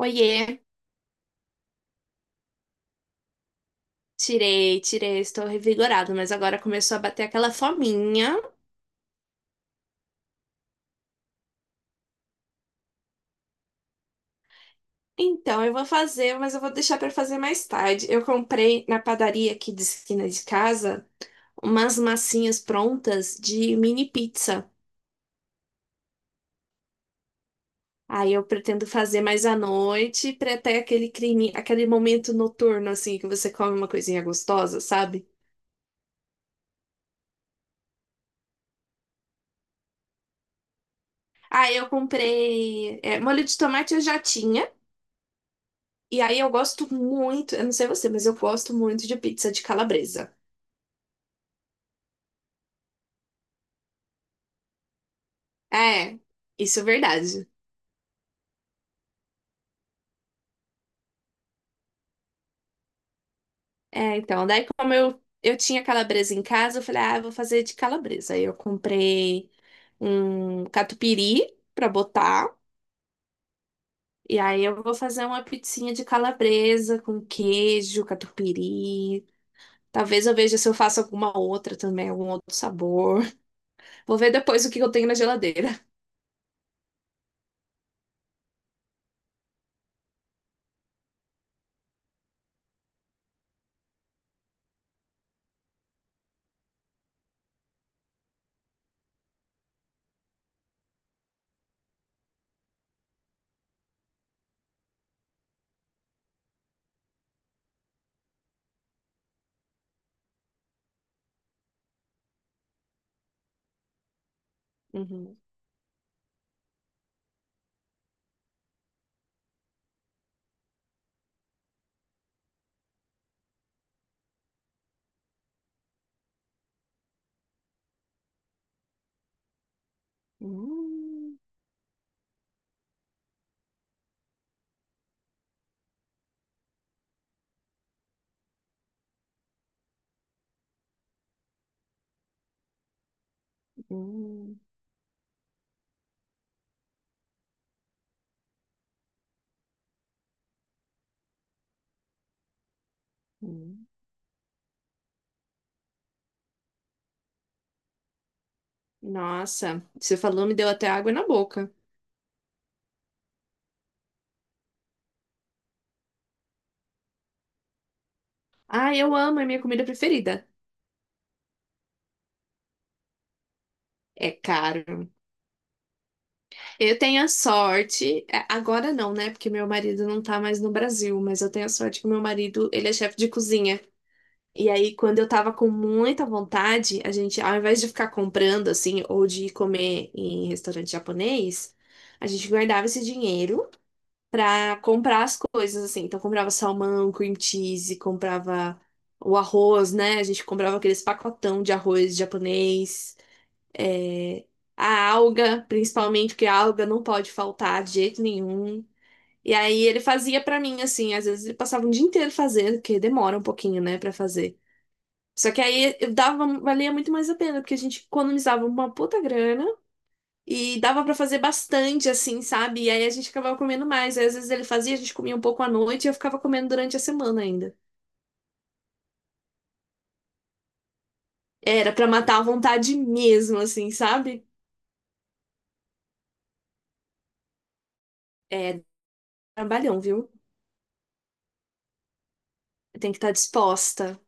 Oiê, tirei, tirei, estou revigorado, mas agora começou a bater aquela fominha. Então eu vou fazer, mas eu vou deixar para fazer mais tarde. Eu comprei na padaria aqui de esquina de casa umas massinhas prontas de mini pizza. Aí eu pretendo fazer mais à noite, para ter aquele crime, aquele momento noturno assim que você come uma coisinha gostosa, sabe? Aí eu comprei molho de tomate eu já tinha. E aí eu gosto muito, eu não sei você, mas eu gosto muito de pizza de calabresa. É, isso é verdade. É, então, daí como eu tinha calabresa em casa, eu falei, ah, eu vou fazer de calabresa. Aí eu comprei um catupiry pra botar, e aí eu vou fazer uma pizzinha de calabresa com queijo, catupiry. Talvez eu veja se eu faço alguma outra também, algum outro sabor. Vou ver depois o que eu tenho na geladeira. Uhum. Hum, hum, hum. Nossa, você falou, me deu até água na boca. Ah, eu amo, é minha comida preferida. É caro. Eu tenho a sorte, agora não, né? Porque meu marido não tá mais no Brasil, mas eu tenho a sorte que meu marido, ele é chefe de cozinha. E aí, quando eu tava com muita vontade, a gente, ao invés de ficar comprando assim, ou de ir comer em restaurante japonês, a gente guardava esse dinheiro pra comprar as coisas assim. Então, comprava salmão, cream cheese, comprava o arroz, né? A gente comprava aqueles pacotão de arroz japonês, é, a alga, principalmente, porque a alga não pode faltar de jeito nenhum. E aí ele fazia pra mim assim, às vezes ele passava um dia inteiro fazendo, porque demora um pouquinho, né, pra fazer. Só que aí eu dava, valia muito mais a pena, porque a gente economizava uma puta grana e dava pra fazer bastante, assim, sabe? E aí a gente acabava comendo mais. Aí às vezes ele fazia, a gente comia um pouco à noite e eu ficava comendo durante a semana ainda. Era pra matar a vontade mesmo, assim, sabe? É trabalhão, viu? Tem que estar disposta.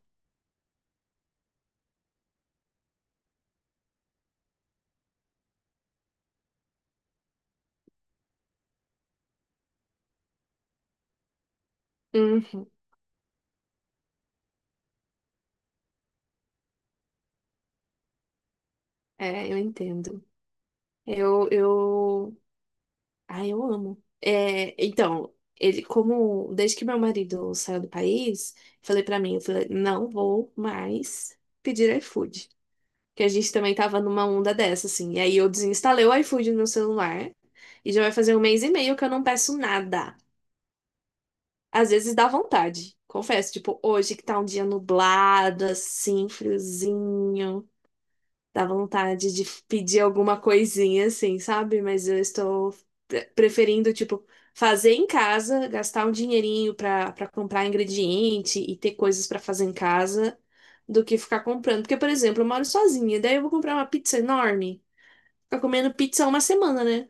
Uhum. É, eu entendo. Eu Ah, eu amo. É, então, ele, como desde que meu marido saiu do país, falei pra mim, eu falei, não vou mais pedir iFood. Que a gente também tava numa onda dessa, assim. E aí eu desinstalei o iFood no meu celular e já vai fazer um mês e meio que eu não peço nada. Às vezes dá vontade, confesso. Tipo, hoje que tá um dia nublado, assim, friozinho. Dá vontade de pedir alguma coisinha assim, sabe? Mas eu estou preferindo, tipo, fazer em casa, gastar um dinheirinho para comprar ingrediente e ter coisas para fazer em casa, do que ficar comprando. Porque, por exemplo, eu moro sozinha, daí eu vou comprar uma pizza enorme, ficar comendo pizza uma semana, né?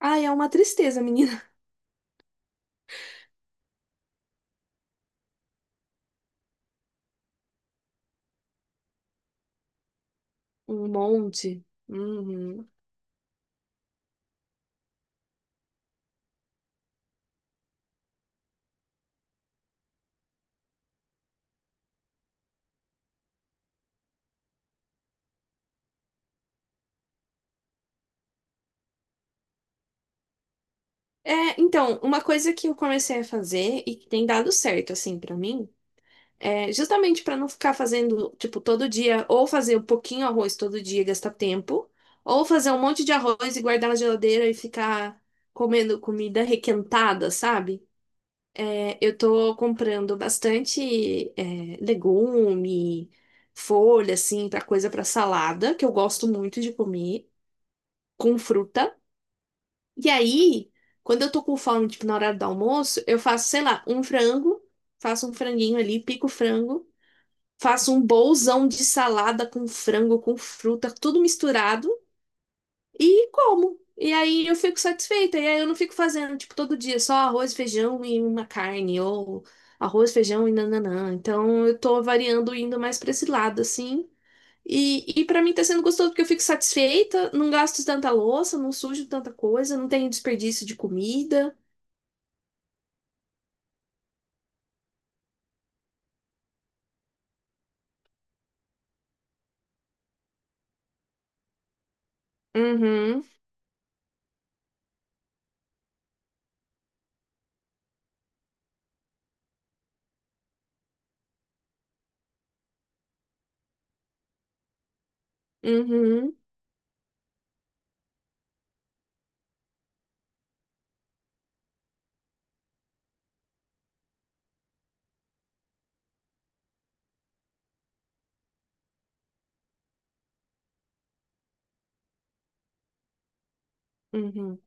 Ai, é uma tristeza, menina. Um monte. Uhum. É, então, uma coisa que eu comecei a fazer e que tem dado certo, assim, pra mim. É, justamente para não ficar fazendo, tipo, todo dia, ou fazer um pouquinho arroz todo dia e gastar tempo, ou fazer um monte de arroz e guardar na geladeira e ficar comendo comida requentada, sabe? Eu tô comprando bastante, legume, folha, assim, pra coisa pra salada, que eu gosto muito de comer, com fruta. E aí, quando eu tô com fome, tipo, na hora do almoço, eu faço, sei lá, um frango, faço um franguinho ali, pico o frango. Faço um bolzão de salada com frango, com fruta, tudo misturado e como. E aí eu fico satisfeita. E aí eu não fico fazendo, tipo, todo dia só arroz, feijão e uma carne, ou arroz, feijão e nananã. Então eu tô variando, indo mais pra esse lado, assim. E para mim tá sendo gostoso porque eu fico satisfeita, não gasto tanta louça, não sujo tanta coisa, não tenho desperdício de comida. Uhum, uhum, uhum.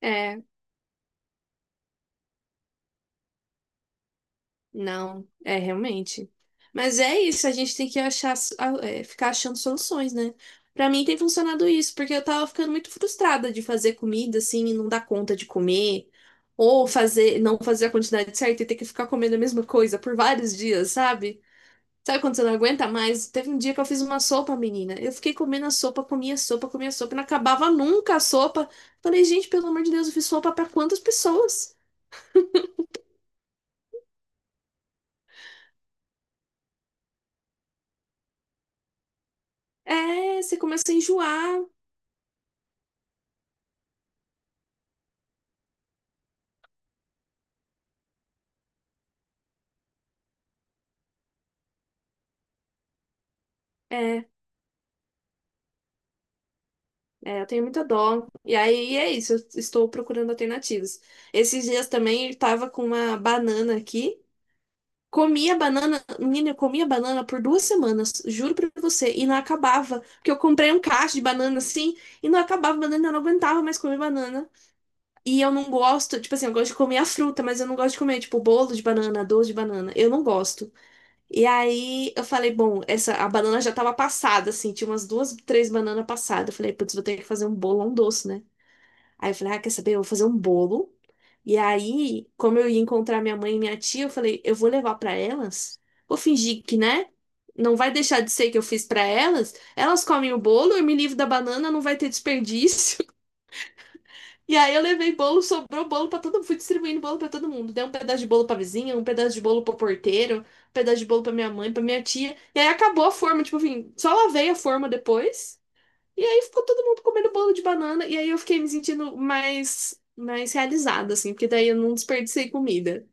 É. Não, é realmente. Mas é isso, a gente tem que achar, ficar achando soluções, né? Pra mim tem funcionado isso, porque eu tava ficando muito frustrada de fazer comida assim e não dar conta de comer, ou fazer, não fazer a quantidade certa e ter que ficar comendo a mesma coisa por vários dias, sabe? Sabe quando você não aguenta mais? Teve um dia que eu fiz uma sopa, menina. Eu fiquei comendo a sopa, comia a sopa, comia a sopa, e não acabava nunca a sopa. Falei, gente, pelo amor de Deus, eu fiz sopa pra quantas pessoas? É, você começa a enjoar. É. É, eu tenho muita dó. E aí é isso, eu estou procurando alternativas. Esses dias também eu tava com uma banana aqui. Comia banana, menina, eu comia banana por duas semanas, juro pra você, e não acabava. Porque eu comprei um caixa de banana assim, e não acabava banana, eu não aguentava mais comer banana. E eu não gosto, tipo assim, eu gosto de comer a fruta, mas eu não gosto de comer, tipo, bolo de banana, doce de banana. Eu não gosto. E aí eu falei, bom, essa a banana já tava passada, assim, tinha umas duas, três bananas passadas. Eu falei, putz, vou ter que fazer um bolão doce, né? Aí eu falei, ah, quer saber? Eu vou fazer um bolo. E aí, como eu ia encontrar minha mãe e minha tia, eu falei, eu vou levar pra elas. Vou fingir que, né? Não vai deixar de ser que eu fiz pra elas. Elas comem o bolo, eu me livro da banana, não vai ter desperdício. E aí eu levei bolo, sobrou bolo pra todo mundo, fui distribuindo bolo pra todo mundo. Dei um pedaço de bolo pra vizinha, um pedaço de bolo pro porteiro, um pedaço de bolo pra minha mãe, pra minha tia. E aí acabou a forma, tipo, enfim, só lavei a forma depois. E aí ficou todo mundo comendo bolo de banana, e aí eu fiquei me sentindo mais realizada, assim, porque daí eu não desperdicei comida.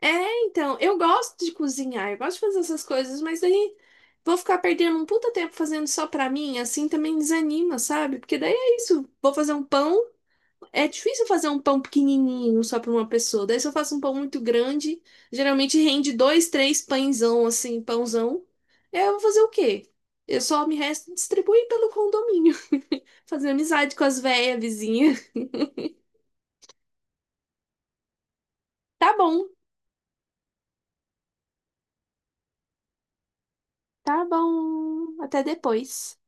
É, então, eu gosto de cozinhar, eu gosto de fazer essas coisas, mas daí vou ficar perdendo um puta tempo fazendo só pra mim, assim também desanima, sabe? Porque daí é isso, vou fazer um pão. É difícil fazer um pão pequenininho só para uma pessoa. Daí se eu faço um pão muito grande, geralmente rende dois, três pãezão assim, pãozão. E aí eu vou fazer o quê? Eu só me resto distribuir pelo condomínio, fazer amizade com as véias vizinhas. Tá bom, tá bom. Até depois.